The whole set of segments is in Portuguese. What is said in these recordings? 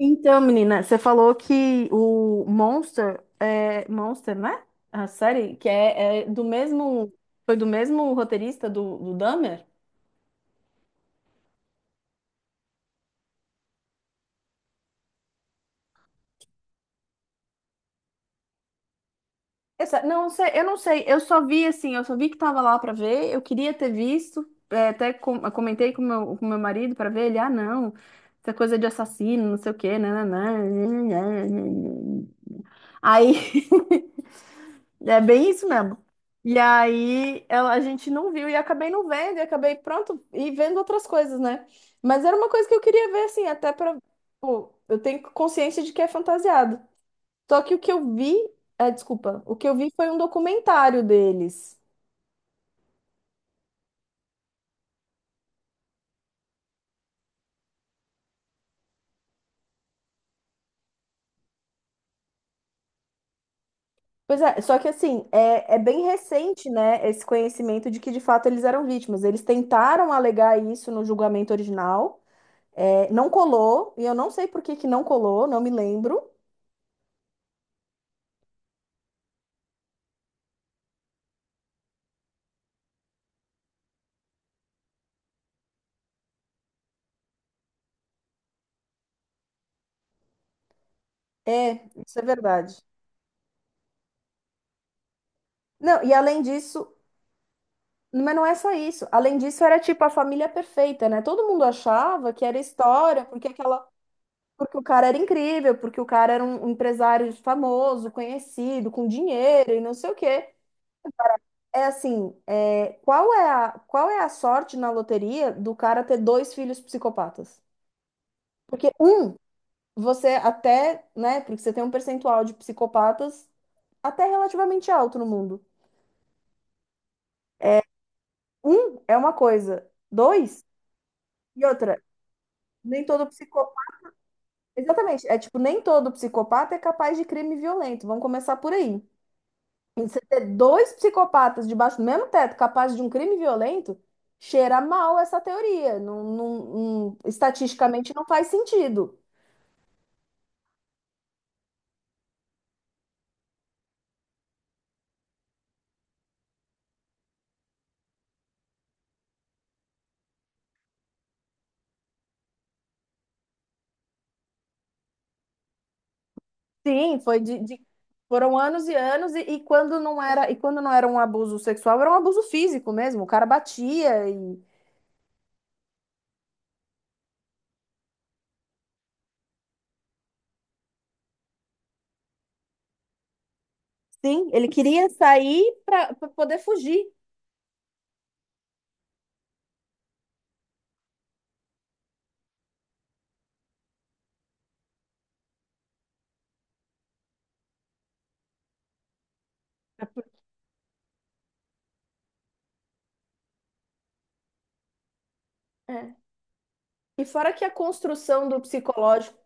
Então, menina, você falou que o Monster é Monster, né? A série que é, é do mesmo foi do mesmo roteirista do Dahmer? Essa, não sei, eu não sei. Eu só vi que tava lá pra ver. Eu queria ter visto, até comentei com meu marido pra ver ele. Ah, não, essa coisa de assassino, não sei o quê, né? Né, né, né, né, né, né. Aí É bem isso mesmo. E aí a gente não viu e acabei não vendo, e acabei pronto e vendo outras coisas, né? Mas era uma coisa que eu queria ver, assim, até pra. Pô, eu tenho consciência de que é fantasiado. Só que o que eu vi, desculpa, o que eu vi foi um documentário deles. Pois é, só que assim, é bem recente, né, esse conhecimento de que de fato eles eram vítimas. Eles tentaram alegar isso no julgamento original, não colou, e eu não sei por que que não colou, não me lembro. É, isso é verdade. Não, e além disso, mas não é só isso. Além disso, era tipo a família perfeita, né? Todo mundo achava que era história, porque aquela, porque o cara era incrível, porque o cara era um empresário famoso, conhecido, com dinheiro e não sei o quê. É assim, qual é a sorte na loteria do cara ter dois filhos psicopatas? Porque um, você até, né? Porque você tem um percentual de psicopatas até relativamente alto no mundo. Um é uma coisa, dois e outra. Nem todo psicopata. Exatamente. É tipo, nem todo psicopata é capaz de crime violento. Vamos começar por aí. E você ter dois psicopatas debaixo do mesmo teto capazes de um crime violento, cheira mal essa teoria. Não, estatisticamente não faz sentido. Sim, foram anos e anos, e quando não era, e quando não era um abuso sexual, era um abuso físico mesmo. O cara batia e sim, ele queria sair para poder fugir. É. E fora que a construção do psicológico,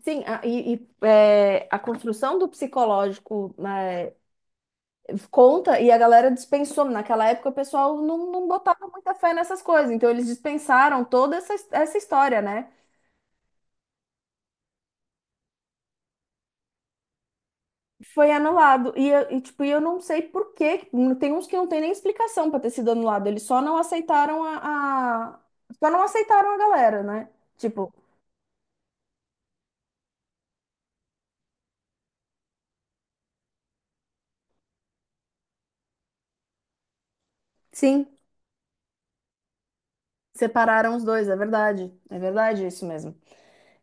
sim, a, e, é, a construção do psicológico né, conta e a galera dispensou. Naquela época o pessoal não botava muita fé nessas coisas, então eles dispensaram toda essa história, né? Foi anulado. E eu não sei por quê. Tem uns que não tem nem explicação para ter sido anulado. Eles só não aceitaram a. Só não aceitaram a galera, né? Tipo, sim, separaram os dois, é verdade. É verdade isso mesmo.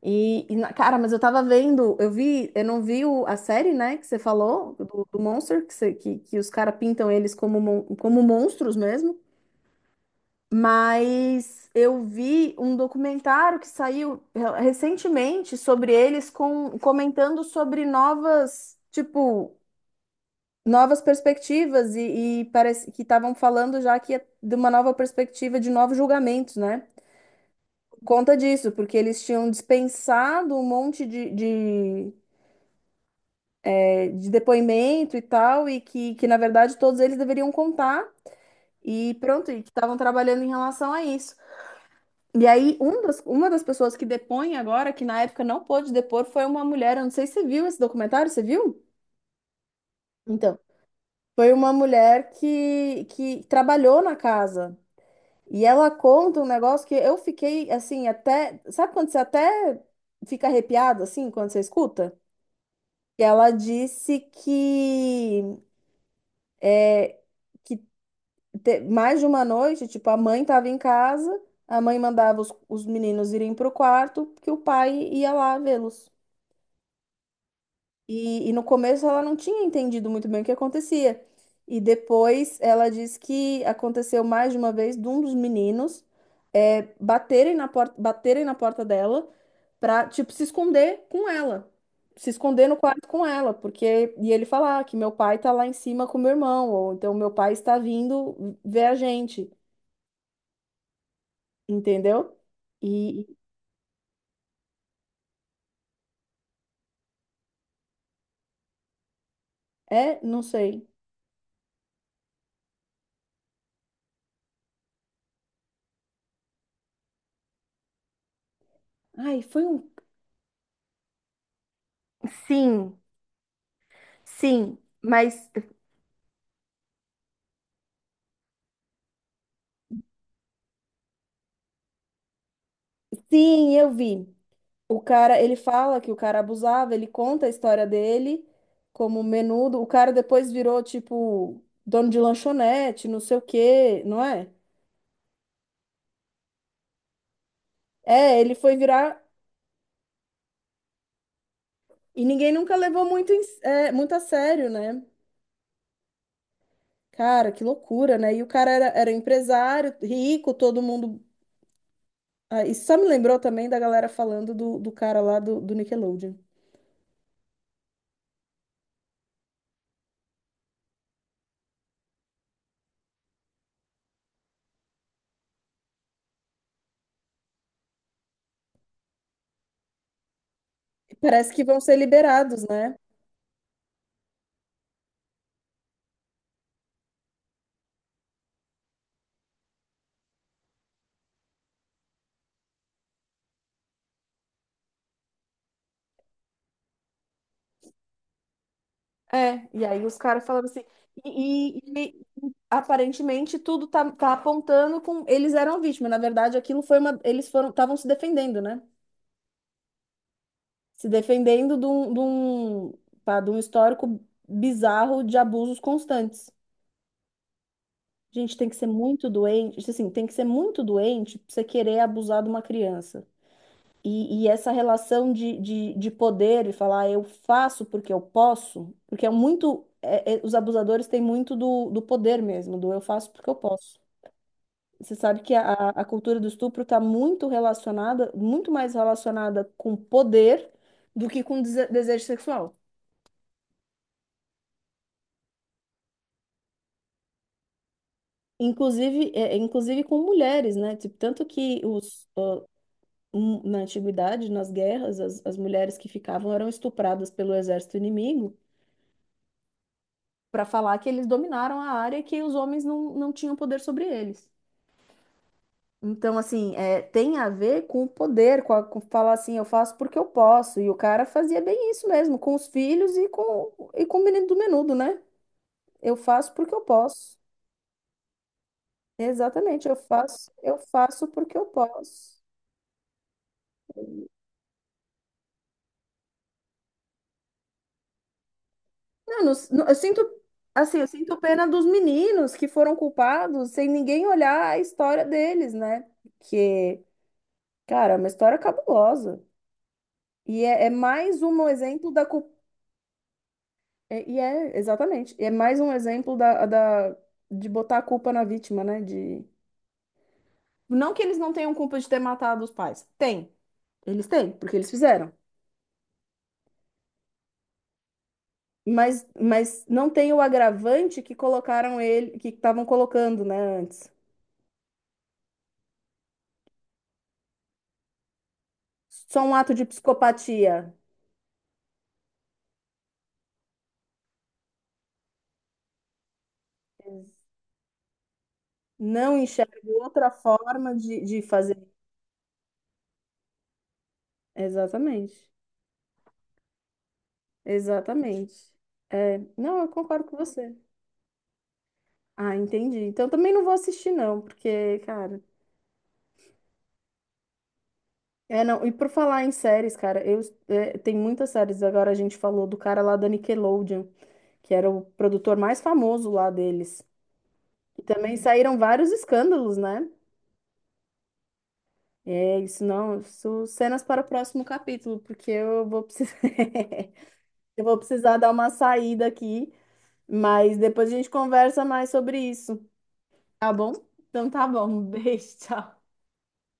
E cara, mas eu tava vendo, eu vi, eu não vi a série, né, que você falou, do Monster, que os caras pintam eles como monstros mesmo. Mas eu vi um documentário que saiu recentemente sobre eles comentando sobre novas perspectivas e parece que estavam falando já que é de uma nova perspectiva de novos julgamentos, né? Conta disso, porque eles tinham dispensado um monte de depoimento e tal, e que na verdade todos eles deveriam contar, e pronto, e que estavam trabalhando em relação a isso. E aí, uma das pessoas que depõe agora, que na época não pôde depor, foi uma mulher. Eu não sei se você viu esse documentário, você viu? Então, foi uma mulher que trabalhou na casa. E ela conta um negócio que eu fiquei assim, até. Sabe quando você até fica arrepiado assim, quando você escuta? E ela disse que mais de uma noite, tipo, a mãe estava em casa, a mãe mandava os meninos irem para o quarto, que o pai ia lá vê-los. E no começo ela não tinha entendido muito bem o que acontecia. E depois ela disse que aconteceu mais de uma vez de um dos meninos baterem na porta dela para, tipo, se esconder com ela. Se esconder no quarto com ela, porque. E ele falar que meu pai tá lá em cima com meu irmão, ou então meu pai está vindo ver a gente. Entendeu? E não sei. Ai, foi um. Sim, sim, mas sim, eu vi. O cara, ele fala que o cara abusava, ele conta a história dele como menudo. O cara depois virou, tipo, dono de lanchonete, não sei o quê, não é? É, ele foi virar. E ninguém nunca levou muito a sério, né? Cara, que loucura, né? E o cara era empresário, rico, todo mundo. Ah, isso só me lembrou também da galera falando do cara lá do Nickelodeon. Parece que vão ser liberados, né? É, e aí os caras falaram assim, e, e- e aparentemente tudo tá apontando com eles eram vítimas. Na verdade, aquilo foi uma. Eles foram, estavam se defendendo, né? Se defendendo de um histórico bizarro de abusos constantes. Gente, tem que ser muito doente, assim, tem que ser muito doente pra você querer abusar de uma criança. E essa relação de poder e falar "Ah, eu faço porque eu posso, porque é muito. Os abusadores têm muito do poder mesmo, do eu faço porque eu posso. Você sabe que a cultura do estupro está muito relacionada, muito mais relacionada com poder do que com desejo sexual. Inclusive, inclusive com mulheres, né? Tipo, tanto que na antiguidade, nas guerras, as mulheres que ficavam eram estupradas pelo exército inimigo. Para falar que eles dominaram a área e que os homens não tinham poder sobre eles. Então, assim, tem a ver com o poder, com falar assim, eu faço porque eu posso. E o cara fazia bem isso mesmo, com os filhos e com o menino do menudo, né? Eu faço porque eu posso. Exatamente, eu faço porque eu posso. Não, assim, eu sinto pena dos meninos que foram culpados sem ninguém olhar a história deles, né? Porque, cara, é uma história cabulosa. E é mais um exemplo da culpa. Exatamente. É mais um exemplo de botar a culpa na vítima, né? De. Não que eles não tenham culpa de ter matado os pais. Tem. Eles têm, porque eles fizeram. Mas não tem o agravante que colocaram ele, que estavam colocando, né, antes. Só um ato de psicopatia. Não enxerga outra forma de fazer. Exatamente. Exatamente. É, não, eu concordo com você. Ah, entendi. Então também não vou assistir, não, porque, cara. É, não. E por falar em séries, cara, tem muitas séries. Agora a gente falou do cara lá da Nickelodeon, que era o produtor mais famoso lá deles. E também saíram vários escândalos, né? É, isso não, isso cenas para o próximo capítulo, porque eu vou precisar, eu vou precisar dar uma saída aqui, mas depois a gente conversa mais sobre isso, tá bom? Então tá bom, um beijo, tchau.